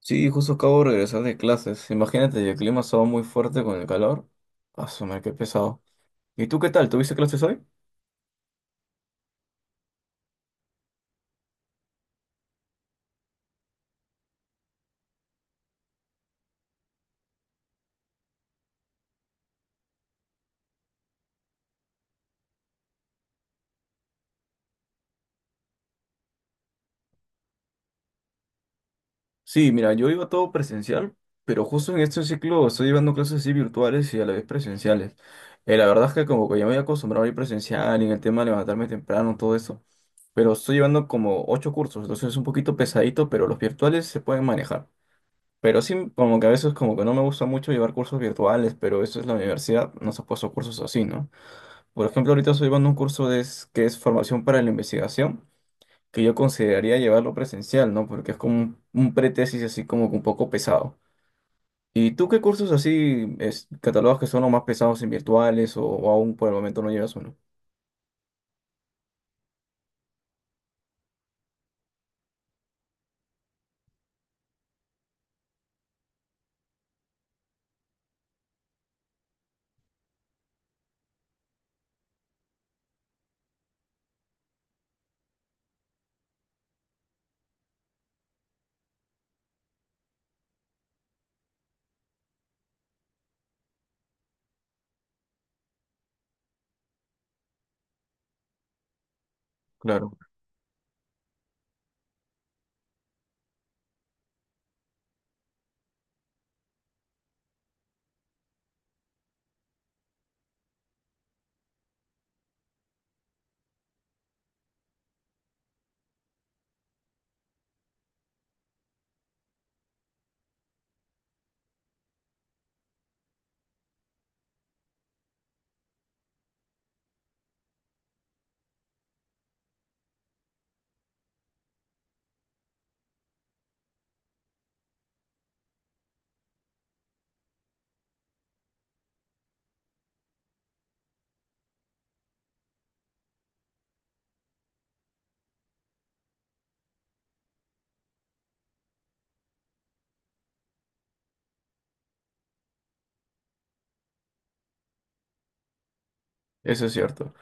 Sí, justo acabo de regresar de clases. Imagínate, y el clima estaba muy fuerte con el calor. Asumir qué pesado. ¿Y tú qué tal? ¿Tuviste clases hoy? Sí, mira, yo iba todo presencial, pero justo en este ciclo estoy llevando clases así virtuales y a la vez presenciales. La verdad es que como que ya me había acostumbrado a ir presencial y en el tema de levantarme temprano, todo eso. Pero estoy llevando como 8 cursos, entonces es un poquito pesadito, pero los virtuales se pueden manejar. Pero sí, como que a veces como que no me gusta mucho llevar cursos virtuales, pero eso es la universidad, nos ha puesto cursos así, ¿no? Por ejemplo, ahorita estoy llevando un curso de, que es formación para la investigación, que yo consideraría llevarlo presencial, ¿no? Porque es como un pretesis así como que un poco pesado. ¿Y tú qué cursos así es, catalogas que son los más pesados en virtuales o aún por el momento no llevas uno? Claro, eso es cierto.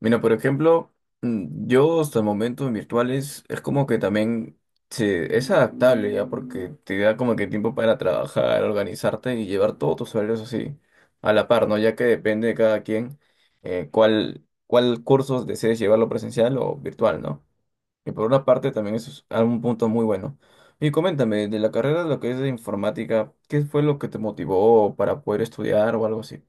Mira, por ejemplo, yo hasta el momento virtuales es como que también es adaptable ya porque te da como que tiempo para trabajar, organizarte y llevar todos tus horarios así a la par, ¿no? Ya que depende de cada quien cuál cursos desees llevarlo presencial o virtual, ¿no? Y por una parte también eso es un punto muy bueno. Y coméntame, de la carrera de lo que es de informática, ¿qué fue lo que te motivó para poder estudiar o algo así?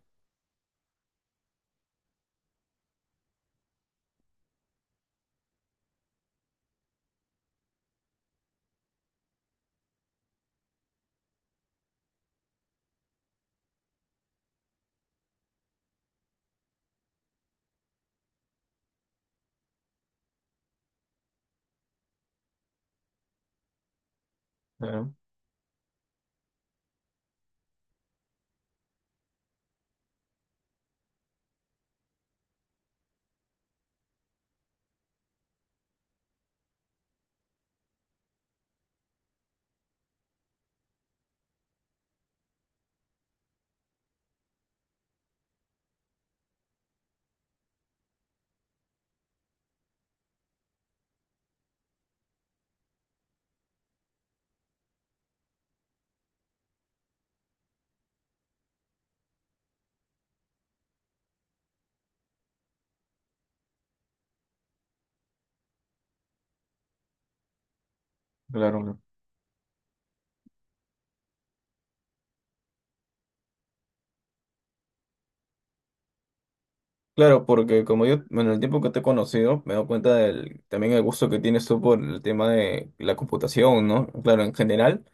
Claro, claro. Claro, porque como yo, bueno, en el tiempo que te he conocido, me he dado cuenta del, también el gusto que tienes tú por el tema de la computación, ¿no? Claro, en general,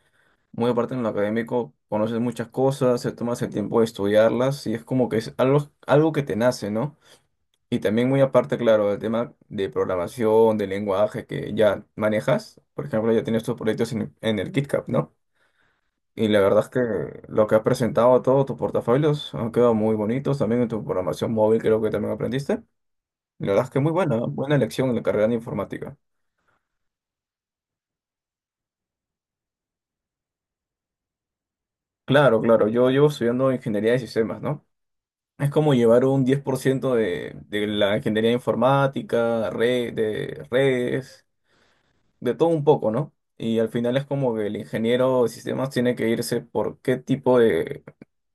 muy aparte en lo académico, conoces muchas cosas, te tomas el tiempo de estudiarlas y es como que es algo, algo que te nace, ¿no? Y también muy aparte, claro, el tema de programación, de lenguaje que ya manejas, por ejemplo, ya tienes tus proyectos en el KitKat, ¿no? Y la verdad es que lo que has presentado, todos tus portafolios han quedado muy bonitos, también en tu programación móvil creo que también aprendiste. La verdad es que muy buena, ¿no? Buena elección en la carrera de informática. Claro, claro, yo llevo estudiando ingeniería de sistemas, ¿no? Es como llevar un 10% de la ingeniería informática, red, de redes, de todo un poco, ¿no? Y al final es como que el ingeniero de sistemas tiene que irse por qué tipo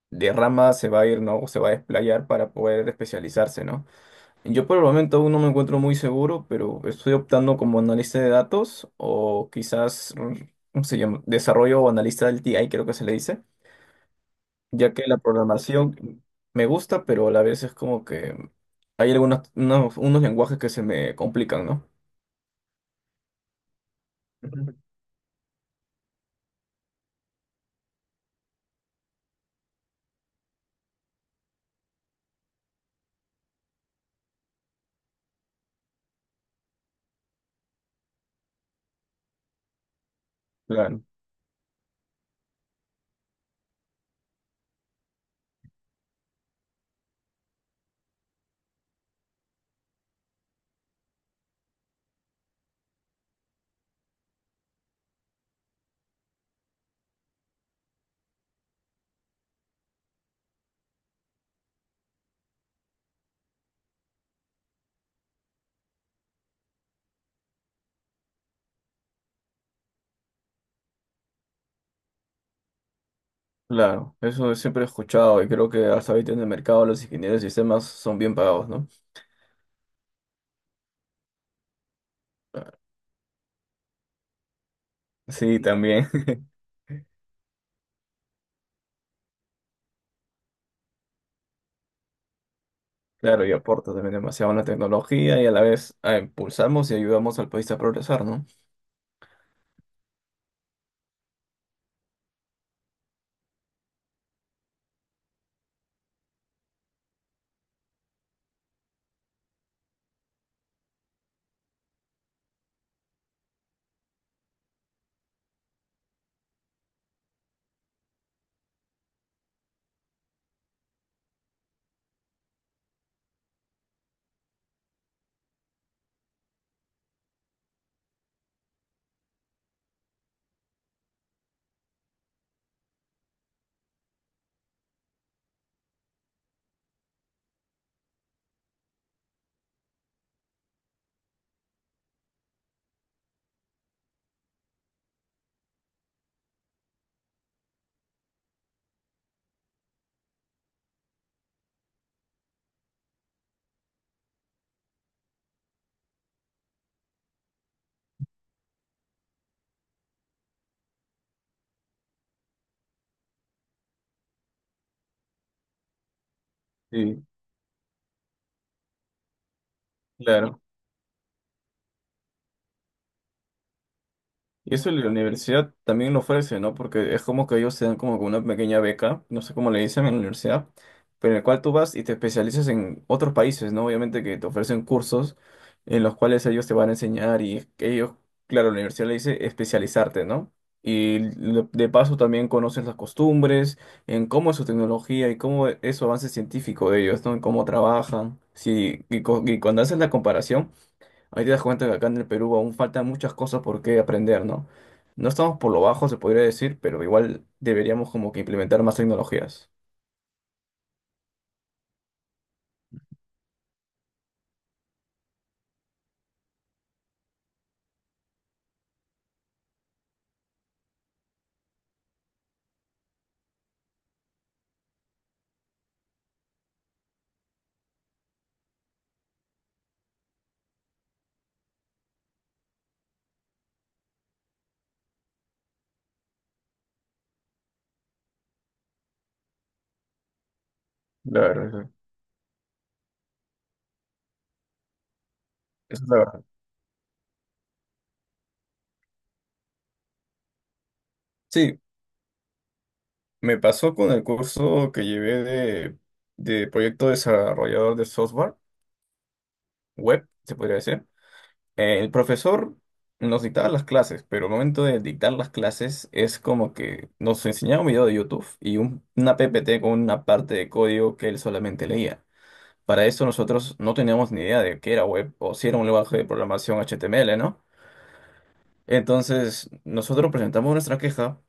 de rama se va a ir, ¿no? O se va a desplayar para poder especializarse, ¿no? Yo por el momento aún no me encuentro muy seguro, pero estoy optando como analista de datos o quizás, ¿cómo se llama? Desarrollo o analista del TI, creo que se le dice, ya que la programación me gusta, pero a la vez es como que hay algunos unos lenguajes que se me complican, ¿no? Ujú. Claro, claro, eso siempre he escuchado y creo que hasta ahorita en el mercado los ingenieros de sistemas son bien pagados, ¿no? Sí, también, claro, y aporta también demasiado a la tecnología y a la vez impulsamos y ayudamos al país a progresar, ¿no? Sí, claro. Y eso la universidad también lo ofrece, ¿no? Porque es como que ellos te dan como que una pequeña beca, no sé cómo le dicen en la universidad, pero en el cual tú vas y te especializas en otros países, ¿no? Obviamente que te ofrecen cursos en los cuales ellos te van a enseñar y ellos, claro, la universidad le dice especializarte, ¿no? Y de paso también conoces las costumbres, en cómo es su tecnología y cómo es su avance científico de ellos, ¿no? En cómo trabajan. Sí, y cuando haces la comparación. Ahí te das cuenta que acá en el Perú aún faltan muchas cosas por qué aprender, ¿no? No estamos por lo bajo, se podría decir, pero igual deberíamos como que implementar más tecnologías. La verdad, sí. Esa es la verdad. Sí, me pasó con el curso que llevé de proyecto desarrollador de software, web, se podría decir. El profesor nos dictaba las clases, pero al momento de dictar las clases es como que nos enseñaba un video de YouTube y una PPT con una parte de código que él solamente leía. Para eso nosotros no teníamos ni idea de qué era web o si era un lenguaje de programación HTML, ¿no? Entonces, nosotros presentamos nuestra queja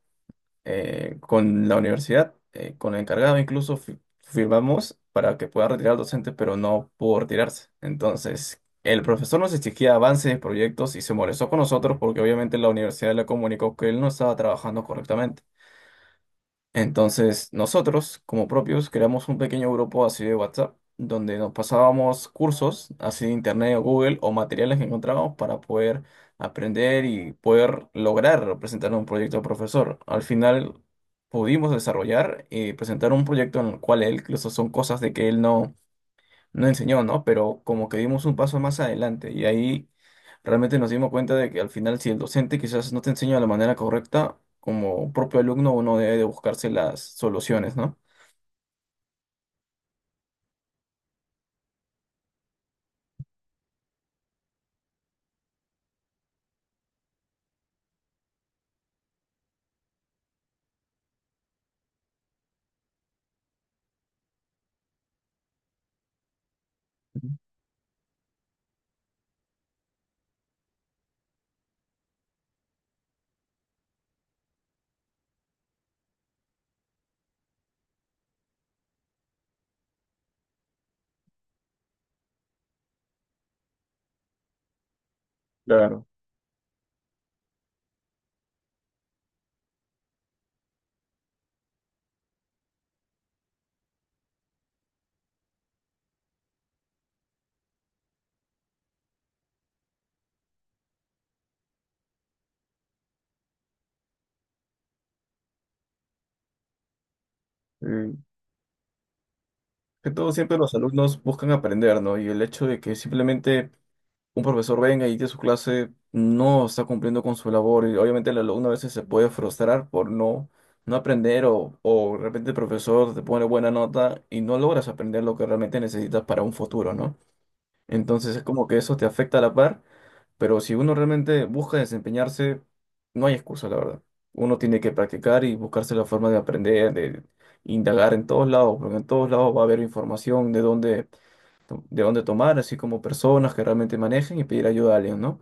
con la universidad, con el encargado incluso firmamos para que pueda retirar al docente, pero no pudo retirarse. Entonces, el profesor nos exigía avances de proyectos y se molestó con nosotros porque obviamente la universidad le comunicó que él no estaba trabajando correctamente. Entonces, nosotros, como propios, creamos un pequeño grupo así de WhatsApp, donde nos pasábamos cursos así de Internet o Google o materiales que encontrábamos para poder aprender y poder lograr presentar un proyecto al profesor. Al final, pudimos desarrollar y presentar un proyecto en el cual él, incluso son cosas de que él no enseñó, ¿no? Pero como que dimos un paso más adelante y ahí realmente nos dimos cuenta de que al final si el docente quizás no te enseña de la manera correcta, como propio alumno uno debe de buscarse las soluciones, ¿no? Claro. eh, que todo siempre los alumnos buscan aprender, ¿no? Y el hecho de que simplemente un profesor venga y dé su clase, no está cumpliendo con su labor y obviamente el alumno a veces se puede frustrar por no, no aprender o de repente el profesor te pone buena nota y no logras aprender lo que realmente necesitas para un futuro, ¿no? Entonces es como que eso te afecta a la par, pero si uno realmente busca desempeñarse, no hay excusa, la verdad. Uno tiene que practicar y buscarse la forma de aprender, de indagar en todos lados, porque en todos lados va a haber información de dónde de dónde tomar, así como personas que realmente manejen y pedir ayuda a alguien, ¿no?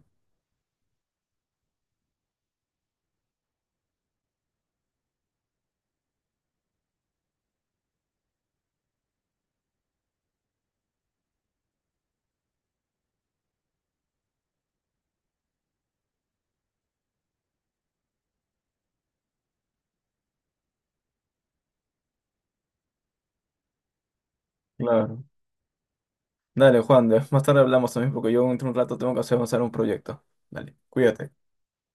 Claro. Dale, Juan, más tarde hablamos también porque yo dentro de un rato tengo que hacer avanzar un proyecto. Dale, cuídate.